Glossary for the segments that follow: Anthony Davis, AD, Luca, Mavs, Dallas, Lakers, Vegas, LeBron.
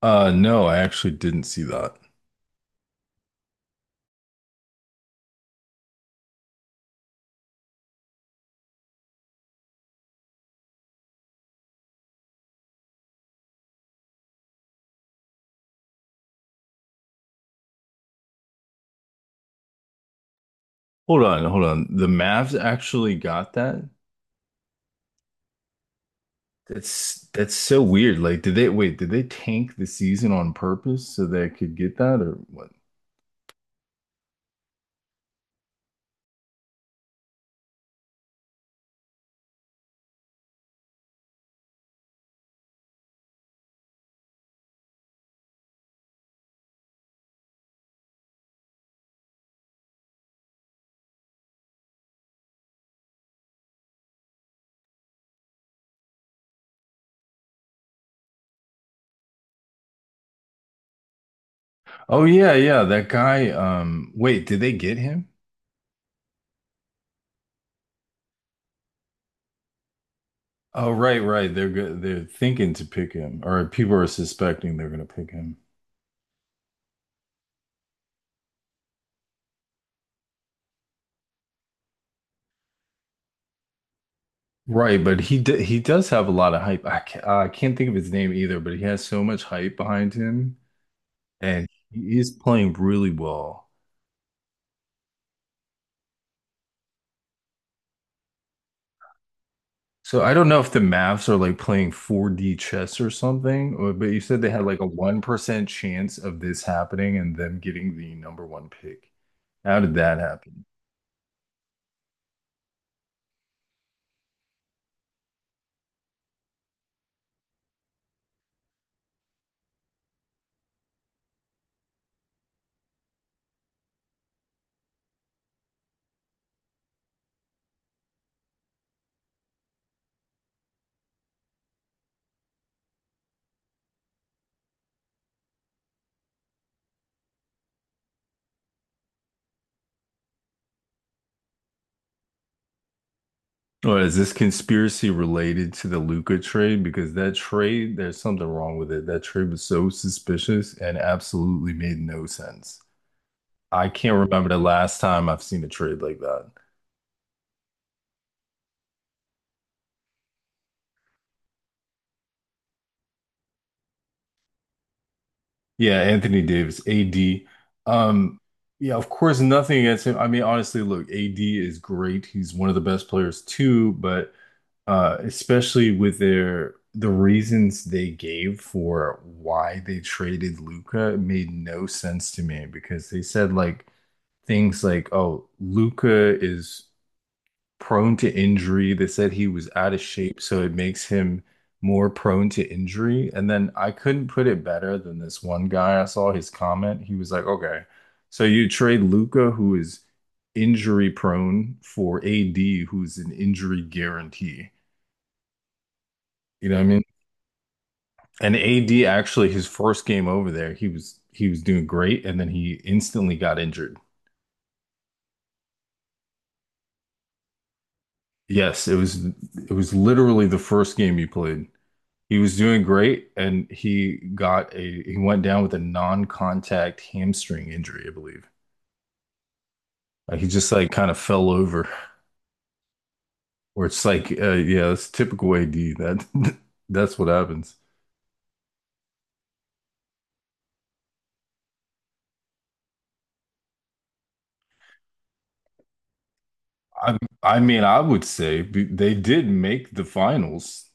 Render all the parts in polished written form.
No, I actually didn't see that. Hold on, hold on. The Mavs actually got that? That's so weird. Like, did they tank the season on purpose so they could get that or what? Oh yeah, yeah, that guy wait, did they get him? Oh right, right. They're thinking to pick him, or people are suspecting they're going to pick him. Right, but he does have a lot of hype. I can't think of his name either, but he has so much hype behind him, and he is playing really well. So I don't know if the Mavs are like playing 4D chess or something, or, but you said they had like a 1% chance of this happening and them getting the number one pick. How did that happen? Or is this conspiracy related to the Luca trade? Because that trade, there's something wrong with it. That trade was so suspicious and absolutely made no sense. I can't remember the last time I've seen a trade like that. Yeah, Anthony Davis, AD. Um, yeah, of course, nothing against him. I mean, honestly, look, AD is great. He's one of the best players too, but especially with the reasons they gave for why they traded Luca made no sense to me, because they said like things like, "Oh, Luca is prone to injury." They said he was out of shape, so it makes him more prone to injury. And then I couldn't put it better than this one guy. I saw his comment. He was like, okay, so you trade Luca, who is injury prone, for AD, who's an injury guarantee. You know what I mean? And AD actually, his first game over there, he was doing great, and then he instantly got injured. Yes, it was literally the first game he played. He was doing great, and he went down with a non-contact hamstring injury, I believe. Like he just like kind of fell over, or it's like, yeah, it's typical AD. That that's what happens. I mean, I would say they did make the finals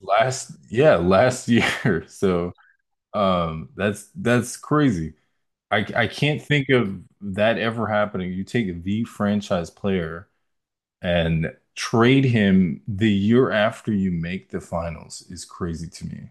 yeah, last year. So that's crazy. I can't think of that ever happening. You take the franchise player and trade him the year after you make the finals is crazy to me.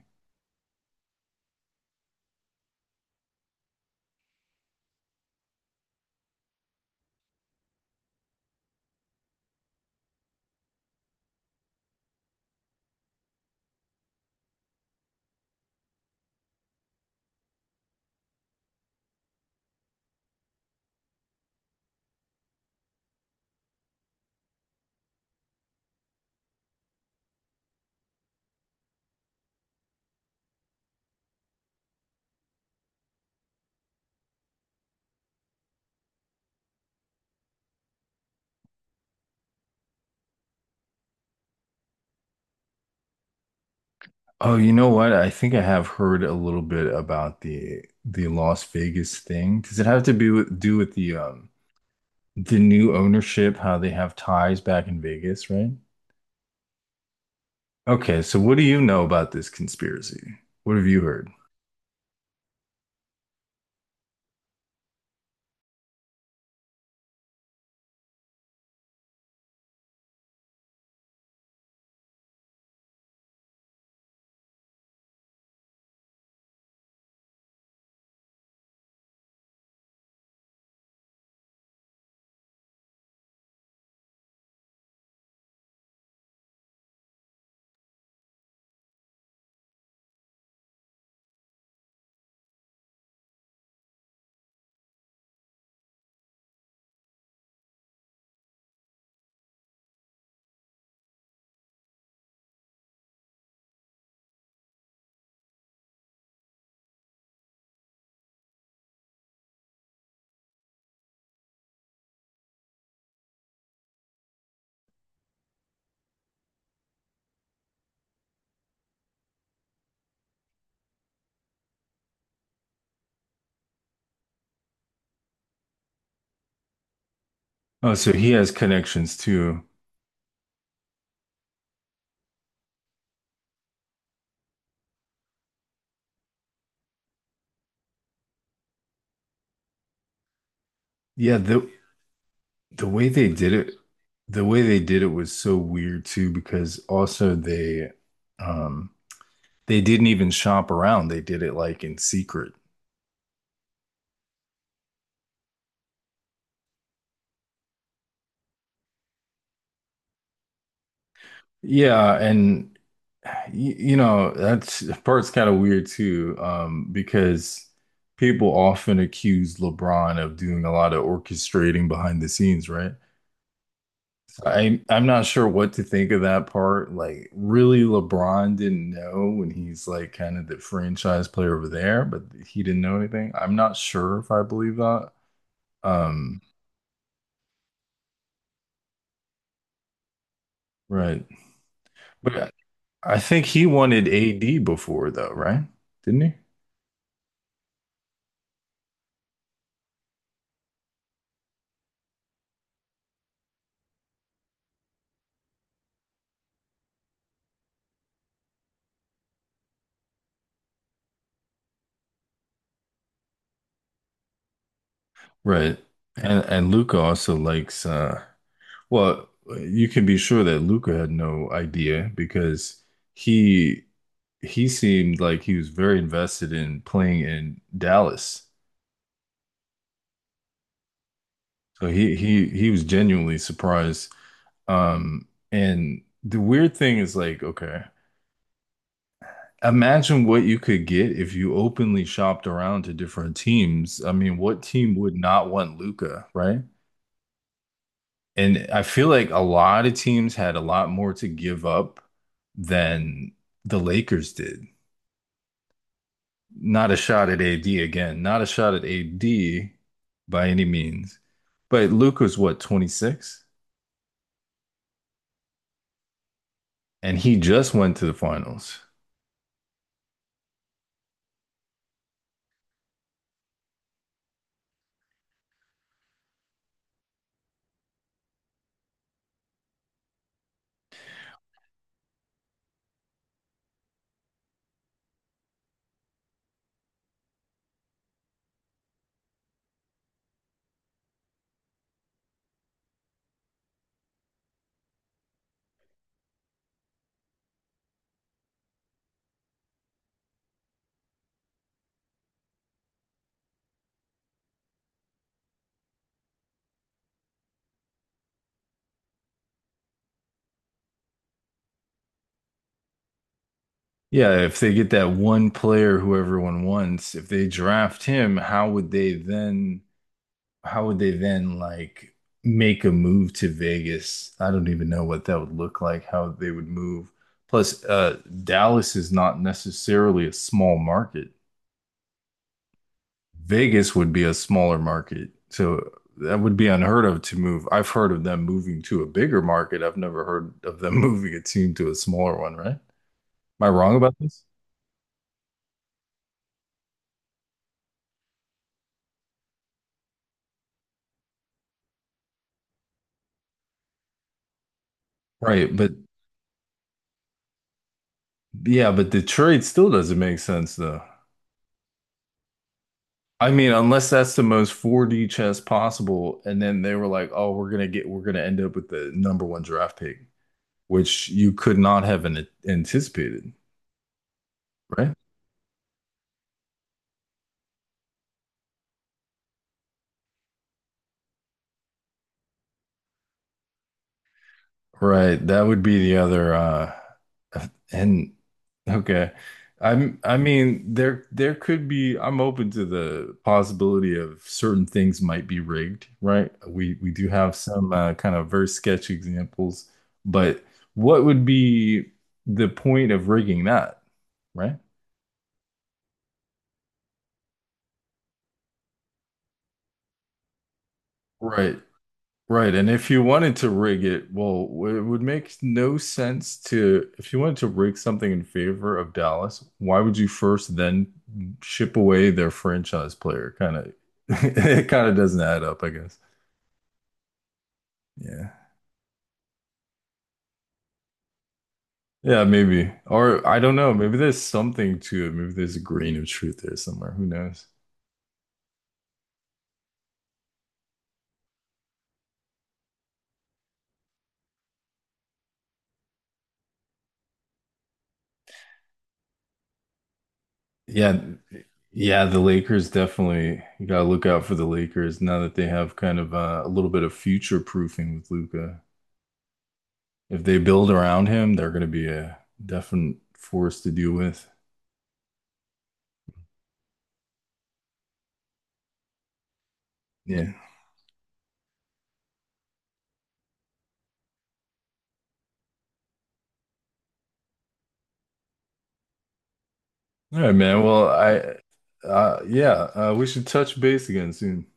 Oh, you know what? I think I have heard a little bit about the Las Vegas thing. Does it have to be with, do with the new ownership, how they have ties back in Vegas, right? Okay, so what do you know about this conspiracy? What have you heard? Oh, so he has connections too. Yeah, the way they did it, the way they did it was so weird too, because also um they didn't even shop around. They did it like in secret. Yeah, and you know, that's that part's kind of weird too, because people often accuse LeBron of doing a lot of orchestrating behind the scenes, right? So I'm not sure what to think of that part. Like, really, LeBron didn't know when he's like kind of the franchise player over there, but he didn't know anything. I'm not sure if I believe that. Um, right. But I think he wanted AD before though, right? Didn't he? Right. And Luca also likes well, you can be sure that Luca had no idea because he he seemed like he was very invested in playing in Dallas. So he was genuinely surprised. And the weird thing is like, okay, imagine what you could get if you openly shopped around to different teams. I mean, what team would not want Luca, right? And I feel like a lot of teams had a lot more to give up than the Lakers did. Not a shot at AD again, not a shot at AD by any means. But Luka's what, 26? And he just went to the finals. Yeah, if they get that one player who everyone wants, if they draft him, how would they then like make a move to Vegas? I don't even know what that would look like, how they would move. Plus, Dallas is not necessarily a small market. Vegas would be a smaller market. So that would be unheard of to move. I've heard of them moving to a bigger market. I've never heard of them moving a team to a smaller one, right? Am I wrong about this? Right, but yeah, but Detroit still doesn't make sense though. I mean, unless that's the most 4D chess possible, and then they were like, "Oh, we're gonna end up with the number one draft pick," which you could not have anticipated, right? Right. That would be the other. And Okay, I mean, there could be. I'm open to the possibility of certain things might be rigged, right? We do have some kind of very sketch examples, but what would be the point of rigging that, right? Right, right. And if you wanted to rig it, well, it would make no sense to, if you wanted to rig something in favor of Dallas, why would you first then ship away their franchise player? Kind of, it kind of doesn't add up, I guess. Yeah. Yeah, maybe. Or I don't know. Maybe there's something to it. Maybe there's a grain of truth there somewhere. Who knows? Yeah. Yeah, the Lakers definitely, you gotta look out for the Lakers now that they have kind of a little bit of future proofing with Luca. If they build around him, they're going to be a definite force to deal with. Yeah. All right, man. Well, yeah, we should touch base again soon.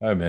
All right, man.